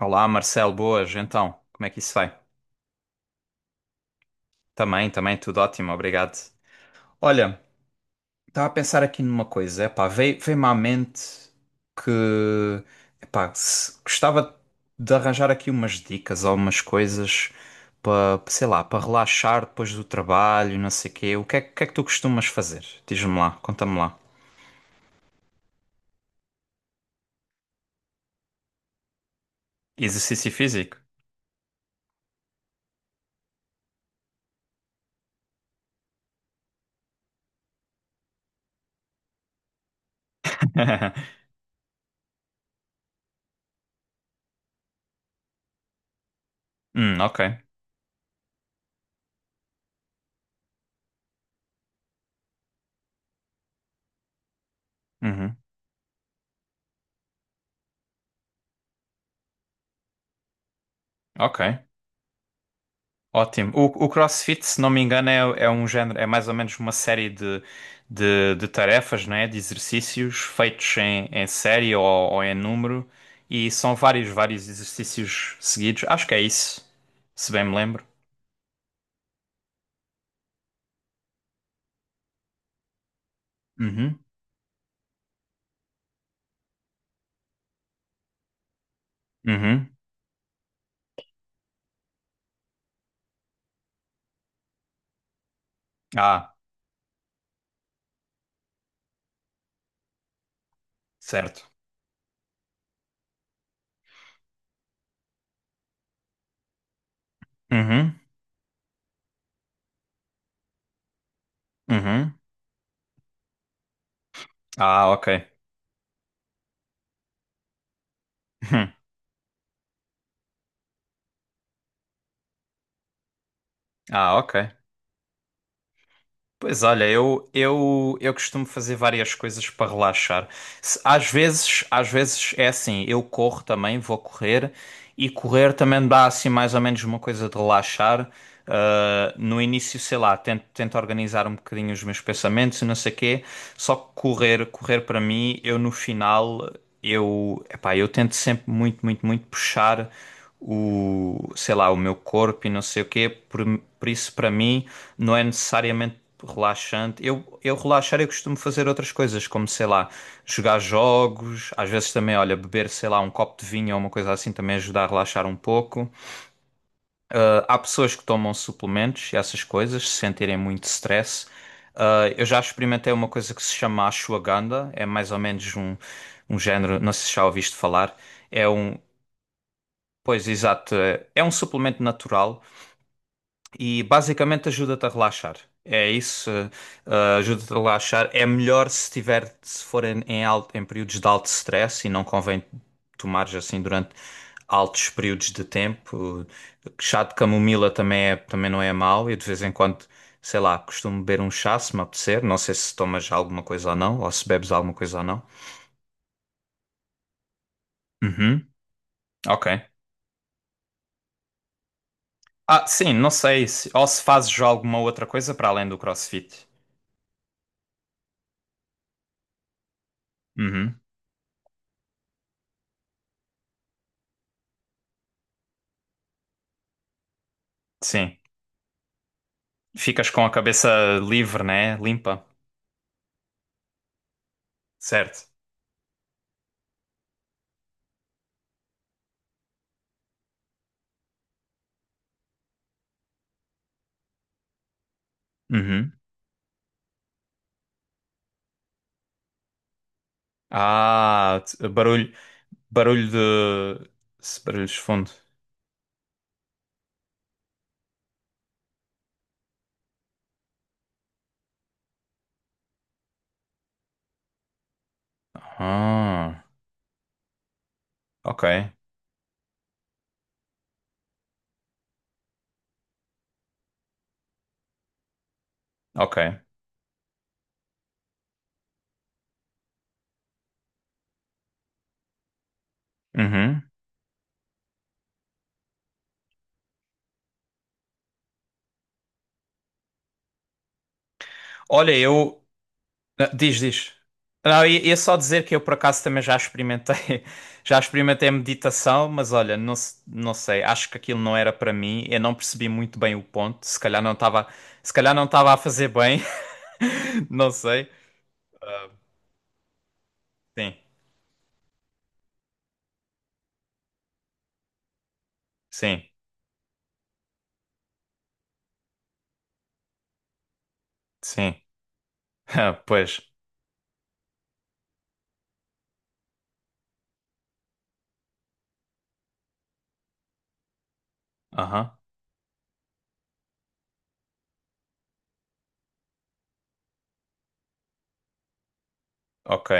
Olá, Marcelo, boas. Então, como é que isso vai? Também, tudo ótimo, obrigado. Olha, estava a pensar aqui numa coisa, epá, veio-me à mente que, epá, gostava de arranjar aqui umas dicas ou umas coisas para, sei lá, para relaxar depois do trabalho, não sei quê. Que é que tu costumas fazer? Diz-me lá, conta-me lá. Exercício físico? Ok. Uhum, ok. Ótimo. O CrossFit, se não me engano, é um género, é mais ou menos uma série de tarefas, né? De exercícios feitos em, em série ou em número. E são vários exercícios seguidos. Acho que é isso, se bem me lembro. Uhum. Uhum. Ah, certo. Uhum. Uhum. Ah, ok. Hum. Ah, ok. Pois olha, eu costumo fazer várias coisas para relaxar. Às vezes é assim, eu corro também, vou correr e correr também dá assim mais ou menos uma coisa de relaxar. Ah, no início, sei lá, tento organizar um bocadinho os meus pensamentos e não sei quê. Só que correr para mim, eu no final, eu, epá, eu tento sempre muito puxar o, sei lá, o meu corpo e não sei o quê. Por isso, para mim, não é necessariamente relaxante. Eu relaxar, eu costumo fazer outras coisas, como sei lá, jogar jogos, às vezes também, olha, beber, sei lá, um copo de vinho ou uma coisa assim também ajuda a relaxar um pouco. Ah, há pessoas que tomam suplementos e essas coisas, se sentirem muito stress. Ah, eu já experimentei uma coisa que se chama ashwagandha, é mais ou menos um, um género, não sei se já ouviste falar, é um, pois exato, é um suplemento natural. E basicamente ajuda-te a relaxar. É isso, ajuda-te a relaxar. É melhor se tiver, se for em, em alto, em períodos de alto stress e não convém tomares assim durante altos períodos de tempo. Chá de camomila também, é, também não é mau. Eu de vez em quando, sei lá, costumo beber um chá se me apetecer. Não sei se tomas alguma coisa ou não, ou se bebes alguma coisa ou não. Uhum, ok. Ah, sim, não sei se, ou se fazes alguma outra coisa para além do CrossFit. Uhum, sim. Ficas com a cabeça livre, né? Limpa. Certo. Uhum. Ah, barulho, barulho de barulho de fundo. Ah, ok, ok. Uhum. Olha, eu ah, diz. Não, ia só dizer que eu por acaso também já experimentei, já experimentei meditação, mas olha, não, não sei, acho que aquilo não era para mim. Eu não percebi muito bem o ponto. Se calhar não estava a fazer bem. Não sei. Sim, sim, sim. Ah, pois. Aham. Ok.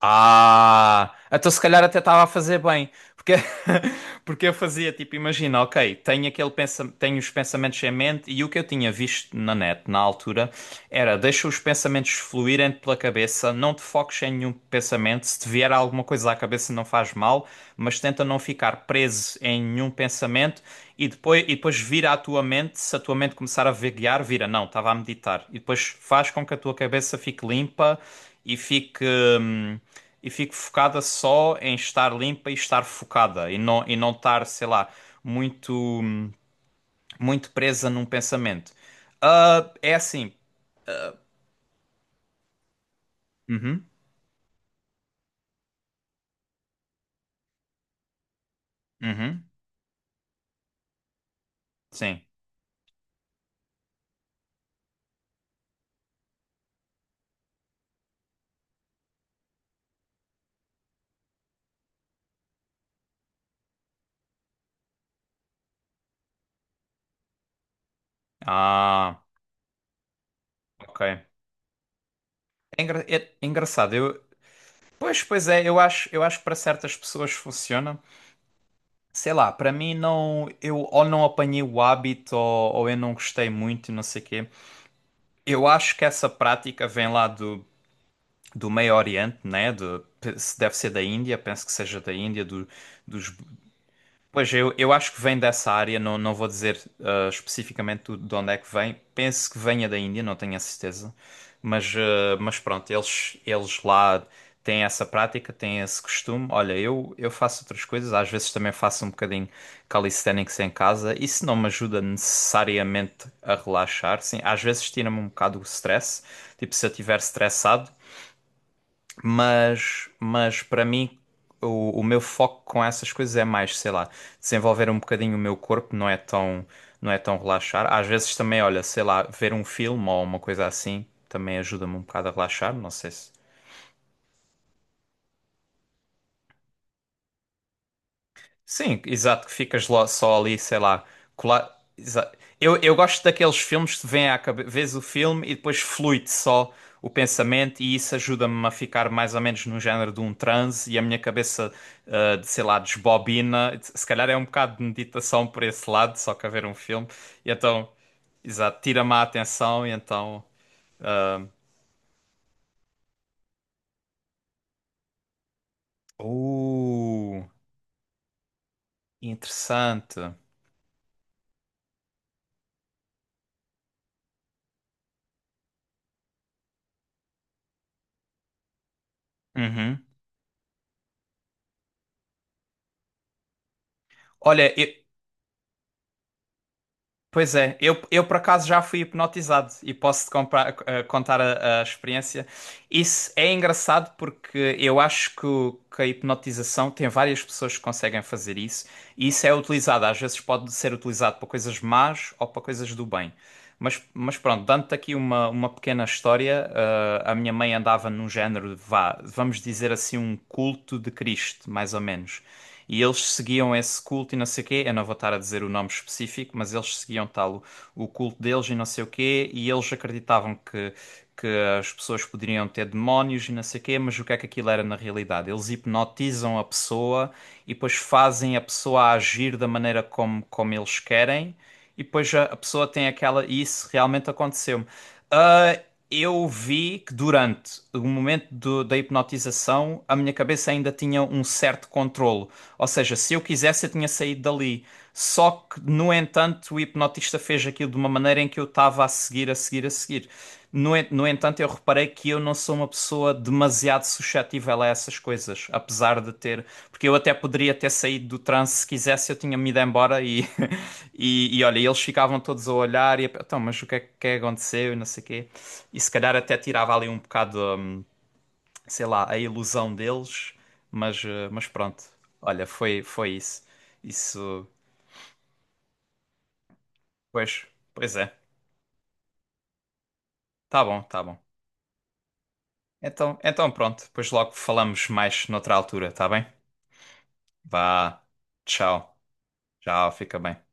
Ah, então se calhar até estava a fazer bem. Porque, porque eu fazia tipo, imagina, ok, tenho os pensamentos em mente e o que eu tinha visto na net na altura era deixa os pensamentos fluírem pela cabeça, não te foques em nenhum pensamento, se te vier alguma coisa à cabeça não faz mal, mas tenta não ficar preso em nenhum pensamento e depois vira à tua mente, se a tua mente começar a vaguear, vira, não, estava a meditar. E depois faz com que a tua cabeça fique limpa e fique. Hum, e fique focada só em estar limpa e estar focada e não estar, sei lá, muito muito presa num pensamento. Ah, é assim. Uhum, uhum, sim. Ah, ok. É, é engraçado. Eu, pois é, eu acho que para certas pessoas funciona. Sei lá, para mim não, eu ou não apanhei o hábito ou eu não gostei muito, não sei o quê. Eu acho que essa prática vem lá do Meio Oriente, né? De, se deve ser da Índia, penso que seja da Índia, dos. Pois eu acho que vem dessa área, não, não vou dizer ah, especificamente de onde é que vem. Penso que venha da Índia, não tenho a certeza. Mas, ah, mas pronto, eles lá têm essa prática, têm esse costume. Olha, eu faço outras coisas, às vezes também faço um bocadinho calisthenics em casa. Isso não me ajuda necessariamente a relaxar, sim. Às vezes tira-me um bocado o stress. Tipo, se eu estiver estressado. Mas para mim, o meu foco com essas coisas é mais, sei lá, desenvolver um bocadinho o meu corpo, não é tão, não é tão relaxar. Às vezes também, olha, sei lá, ver um filme ou uma coisa assim também ajuda-me um bocado a relaxar. Não sei se, sim, exato, que ficas lá, só ali, sei lá, colar. exa- eu gosto daqueles filmes que vem à cabeça, vês o filme e depois flui-te só o pensamento, e isso ajuda-me a ficar mais ou menos no género de um transe e a minha cabeça, ah, de, sei lá, desbobina. Se calhar é um bocado de meditação por esse lado, só que a ver um filme. E então, exato, tira-me a atenção e então. Uh, interessante. Uhum. Olha, eu, pois é, eu por acaso já fui hipnotizado e contar a experiência. Isso é engraçado porque eu acho que, que a hipnotização tem várias pessoas que conseguem fazer isso e isso é utilizado, às vezes pode ser utilizado para coisas más ou para coisas do bem. Mas pronto, dando-te aqui uma pequena história, eh, a minha mãe andava num género, de vá, vamos dizer assim, um culto de Cristo, mais ou menos. E eles seguiam esse culto e não sei o quê. Eu não vou estar a dizer o nome específico, mas eles seguiam tal o culto deles e não sei o quê. E eles acreditavam que as pessoas poderiam ter demónios e não sei o quê, mas o que é que aquilo era na realidade? Eles hipnotizam a pessoa e depois fazem a pessoa agir da maneira como, como eles querem. E depois a pessoa tem aquela. E isso realmente aconteceu-me. Ah, eu vi que durante o momento da hipnotização a minha cabeça ainda tinha um certo controlo. Ou seja, se eu quisesse, eu tinha saído dali. Só que, no entanto, o hipnotista fez aquilo de uma maneira em que eu estava a a seguir. No entanto, eu reparei que eu não sou uma pessoa demasiado suscetível a essas coisas, apesar de ter. Porque eu até poderia ter saído do transe se quisesse, eu tinha-me ido embora e, e olha, eles ficavam todos a olhar e então, mas o que é que aconteceu e não sei o quê. E se calhar até tirava ali um bocado, sei lá, a ilusão deles, mas, eh, mas pronto. Olha, foi isso. Isso, pois, pois é. Tá bom. Então pronto, depois logo falamos mais noutra altura, tá bem? Vá, tchau, tchau, fica bem.